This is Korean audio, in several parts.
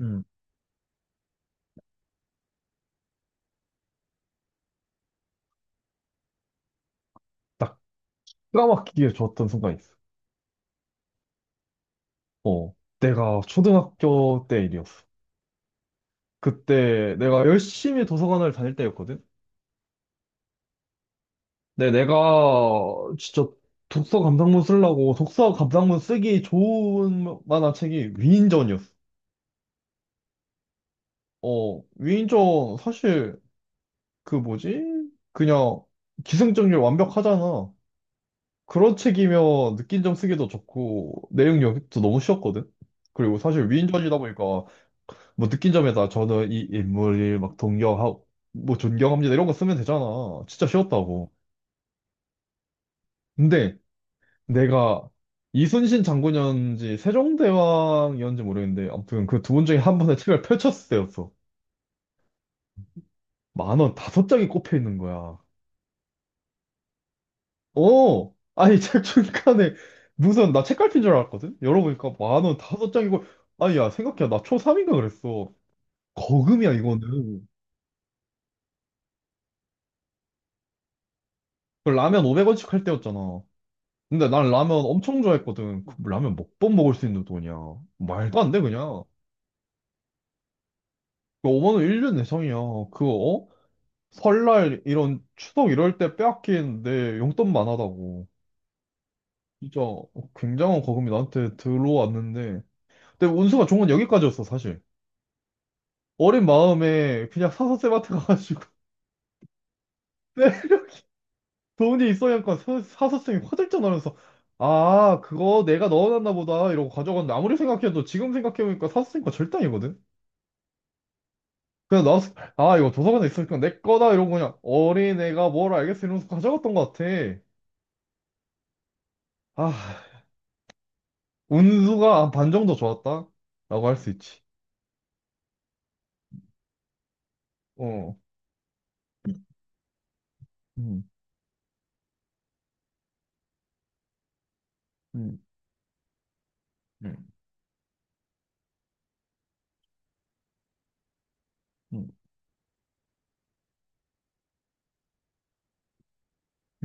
음, 딱막맣게 좋았던 순간이 있어. 어, 내가 초등학교 때 일이었어. 그때 내가 열심히 도서관을 다닐 때였거든. 근데 내가 진짜 독서 감상문 쓰려고 독서 감상문 쓰기 좋은 만한 책이 위인전이었어. 어, 위인전 사실 그 뭐지? 그냥 기승전결 완벽하잖아. 그런 책이면 느낀 점 쓰기도 좋고 내용 영입도 너무 쉬웠거든. 그리고 사실 위인전이다 보니까 뭐 느낀 점에서 저는 이 인물을 막 동경하고 뭐 존경합니다 이런 거 쓰면 되잖아. 진짜 쉬웠다고. 근데 내가 이순신 장군이었는지 세종대왕이었는지 모르겠는데 아무튼 그 두 분 중에 한 분의 책을 펼쳤을 때였어. 만원 다섯 장이 꼽혀 있는 거야. 어, 아니 책 중간에 무슨 나 책갈피인 줄 알았거든. 열어보니까 만원 다섯 장이고 아니 야 생각해 나 초삼인가 그랬어. 거금이야 이거는. 그 라면 500원씩 할 때였잖아. 근데 난 라면 엄청 좋아했거든. 그 라면 몇 번 먹을 수 있는 돈이야. 말도 안 돼, 그냥. 그 5만 원 1년 내성이야. 그거, 어? 설날, 이런, 추석 이럴 때 빼앗긴 내 용돈만 하다고. 진짜 굉장한 거금이 나한테 들어왔는데. 근데 운수가 좋은 건 여기까지였어, 사실. 어린 마음에 그냥 사서쌤한테 가가지고. 네, 돈이 있어야니까 사서쌤이 화들짝 놀면서 아, 그거 내가 넣어놨나 보다. 이러고 가져갔는데 아무리 생각해도 지금 생각해보니까 사서쌤과 절대 아니거든. 그냥 나왔을 때, 아, 이거 도서관에 있으니까 내 거다. 이러고 그냥 어린애가 뭘 알겠어. 이러면서 가져갔던 것 같아. 아, 운수가 한 반 정도 좋았다. 라고 할 수 있지. 어. 음, 음, 음, 음,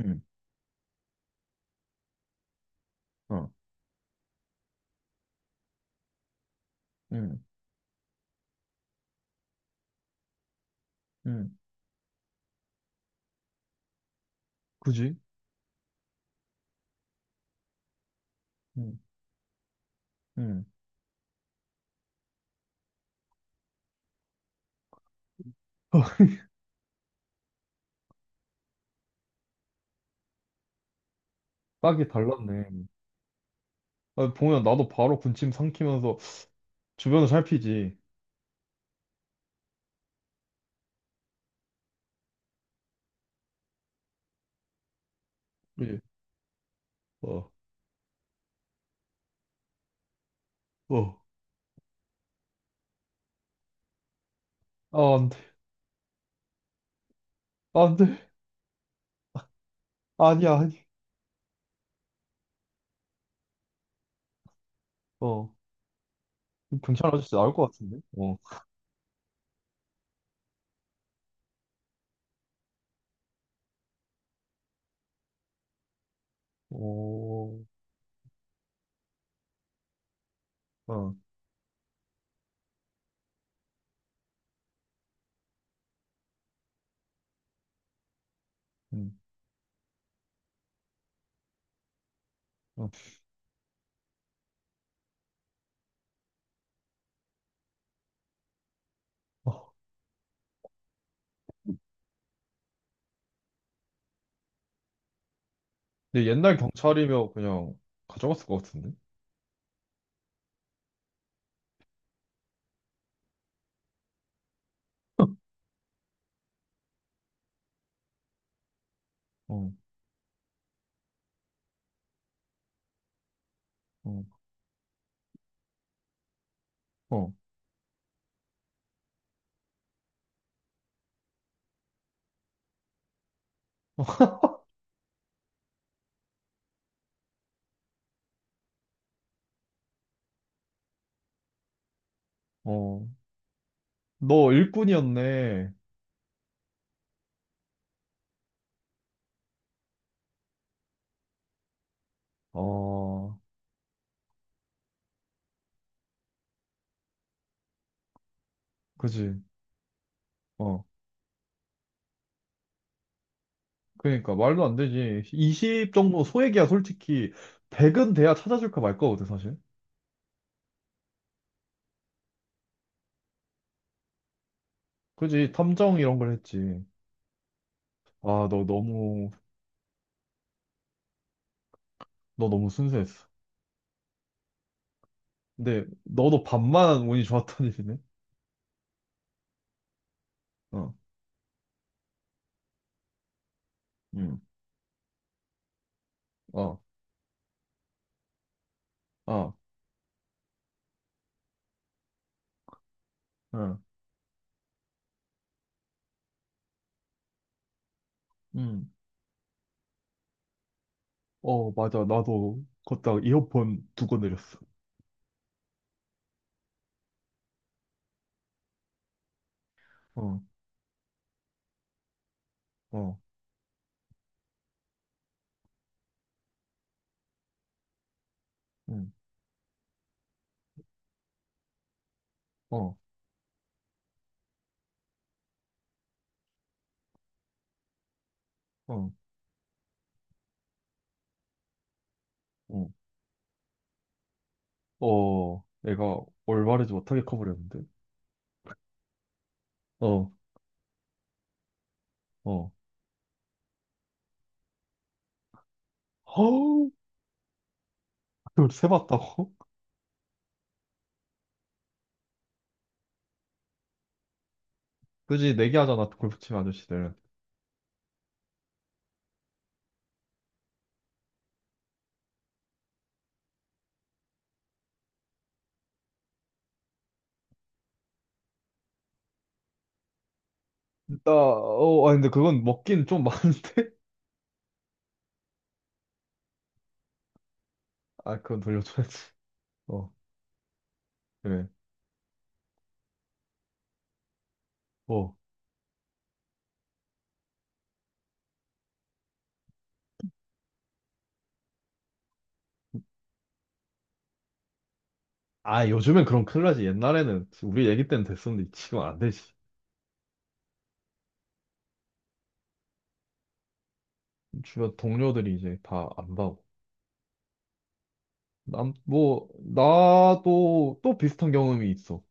음, 어, 음, 음. 그지? 음, 음. 딱이 달랐네. 아, 보면 나도 바로 군침 삼키면서 주변을 살피지. 그지? 어, 어. 아, 안 돼. 아, 안 돼. 아니야, 아니. 어. 경찰 아저씨 나올 것 같은데? 어. 오, 어. 음. 어. 응, 응, 응. 근데 옛날 경찰이면 그냥 가져갔을 것 같은데? 어, 어, 어, 어. 너 일꾼이었네. 어, 그지. 어, 그러니까 말도 안 되지. 20 정도 소액이야, 솔직히. 100은 돼야 찾아줄까 말까 거든, 사실. 그지. 탐정 이런 걸 했지. 아, 너 너무, 너 너무 순수했어. 근데 너도 반만 운이 좋았던 일이네. 어, 음, 어, 어, 어, 음. 어, 맞아. 나도 걷다가 이어폰 두고 내렸어. 어. 어. 응, 어, 어, 어, 어, 내가 올바르지 못하게 커버렸는데? 어, 어. 허우! 그걸 세봤다고? 그지, 내기하잖아, 골프 치는 아저씨들. 나, 어, 아니, 근데 그건 먹긴 좀 많은데? 아, 그건 돌려줘야지. 어, 그래. 어. 아, 요즘엔 그럼 큰일 나지. 옛날에는, 우리 얘기 때는 됐었는데, 지금 안 되지. 주변 동료들이 이제 다 안다고. 난, 뭐, 나도 또 비슷한 경험이 있어.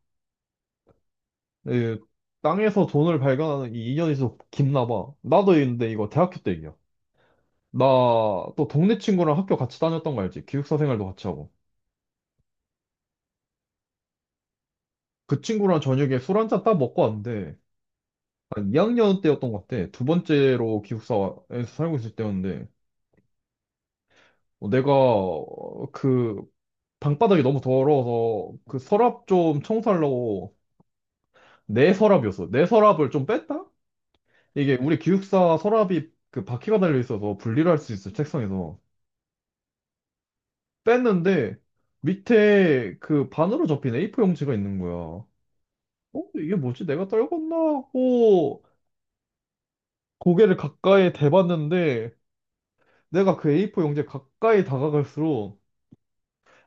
예, 땅에서 돈을 발견하는 이 인연이 좀 깊나 봐. 나도 있는데 이거 대학교 때 얘기야. 나 또 동네 친구랑 학교 같이 다녔던 거 알지? 기숙사 생활도 같이 하고. 그 친구랑 저녁에 술 한잔 딱 먹고 왔는데 한 2학년 때였던 것 같아. 두 번째로 기숙사에서 살고 있을 때였는데 어, 내가 어, 그 방바닥이 너무 더러워서 그 서랍 좀 청소하려고 내 서랍이었어. 내 서랍을 좀 뺐다? 이게 우리 기숙사 서랍이 그 바퀴가 달려 있어서 분리를 할 수 있어, 책상에서. 뺐는데 밑에 그 반으로 접힌 A4 용지가 있는 거야. 어? 이게 뭐지? 내가 떨궜나 하고 고개를 가까이 대봤는데 내가 그 A4 용지에 가까이 다가갈수록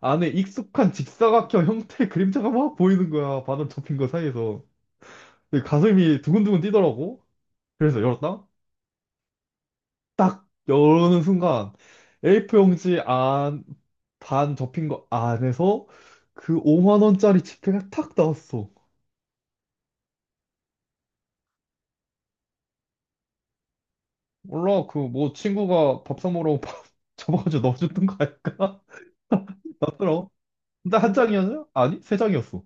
안에 익숙한 직사각형 형태의 그림자가 막 보이는 거야. 반으로 접힌 거 사이에서. 근데 가슴이 두근두근 뛰더라고. 그래서 열었다. 딱 열는 순간 A4 용지 안, 반 접힌 거 안에서 그 5만 원짜리 지폐가 탁 나왔어. 몰라, 그, 뭐, 친구가 밥 사먹으라고 밥 잡아가지고 넣어줬던 거 아닐까? 나더라. 근데 한 장이었냐? 아니, 세 장이었어.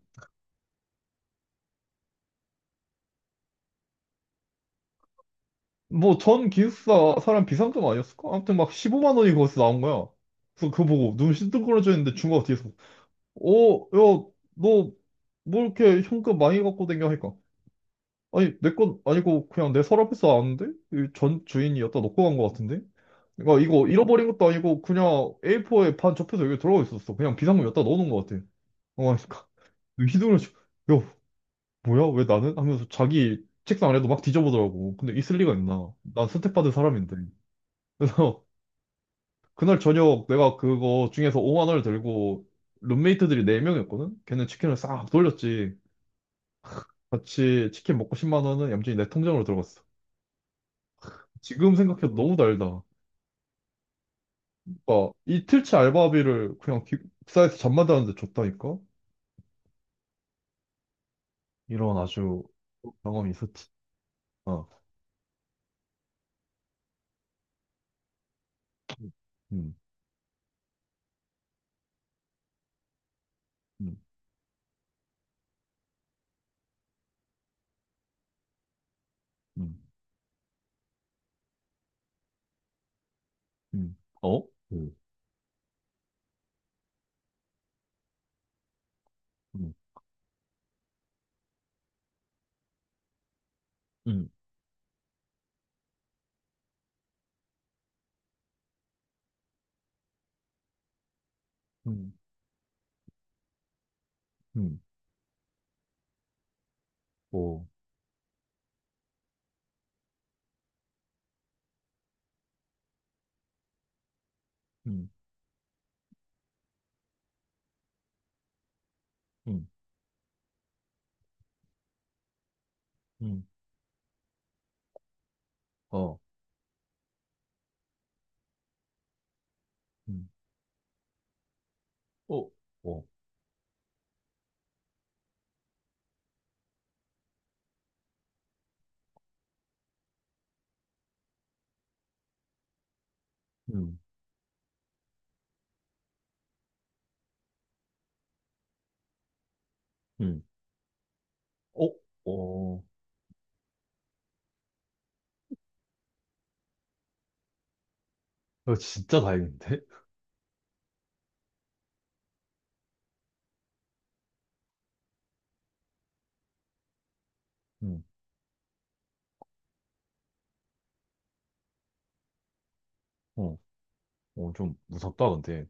뭐, 전 기숙사 사람 비상금 아니었을까? 아무튼 막 15만 원이 거기서 나온 거야. 그래서 그거 보고 눈 싱뚱그러져 있는데 중국가 뒤에서, 어, 야, 너, 뭐 이렇게 현금 많이 갖고 댕겨 하니까. 아니, 내 건 아니고 그냥 내 서랍에서 나왔는데? 이전 주인이 여기다 놓고 간 거 같은데? 그러니까 이거 잃어버린 것도 아니고 그냥 A4에 반 접혀서 여기 들어가 있었어. 그냥 비상금 여기다 넣어놓은 거 같아. 어, 그러니까 휘두르는 중. 야, 뭐야? 왜 나는? 하면서 자기 책상 아래도 막 뒤져보더라고. 근데 있을 리가 있나? 난 선택받은 사람인데. 그래서 그날 저녁 내가 그거 중에서 5만 원을 들고 룸메이트들이 4명이었거든? 걔는 치킨을 싹 돌렸지. 같이 치킨 먹고 10만 원은 얌전히 내 통장으로 들어갔어. 지금 생각해도 너무 달다. 그러니까 이틀치 알바비를 그냥 기사에서 잠만 자는데 줬다니까? 이런 아주 경험이 있었지. 어. 음, 음, 음, 음. 음. 어? 음. 음, 음, 음, 음, 오, 음, 음, 음, 어, 음, 오, 오, 음, 음, 오, 오. 이거 진짜 다행인데? 음, 어, 어, 좀 무섭다, 근데.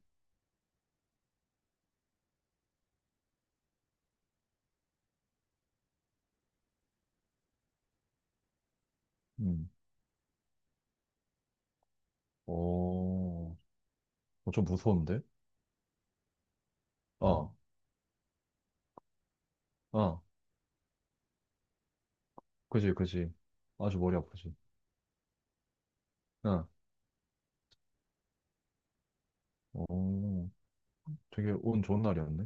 음, 어, 어, 좀 무서운데? 어, 어, 그지, 그지. 아주 머리 아프지. 어, 어, 되게 운 좋은 날이었네.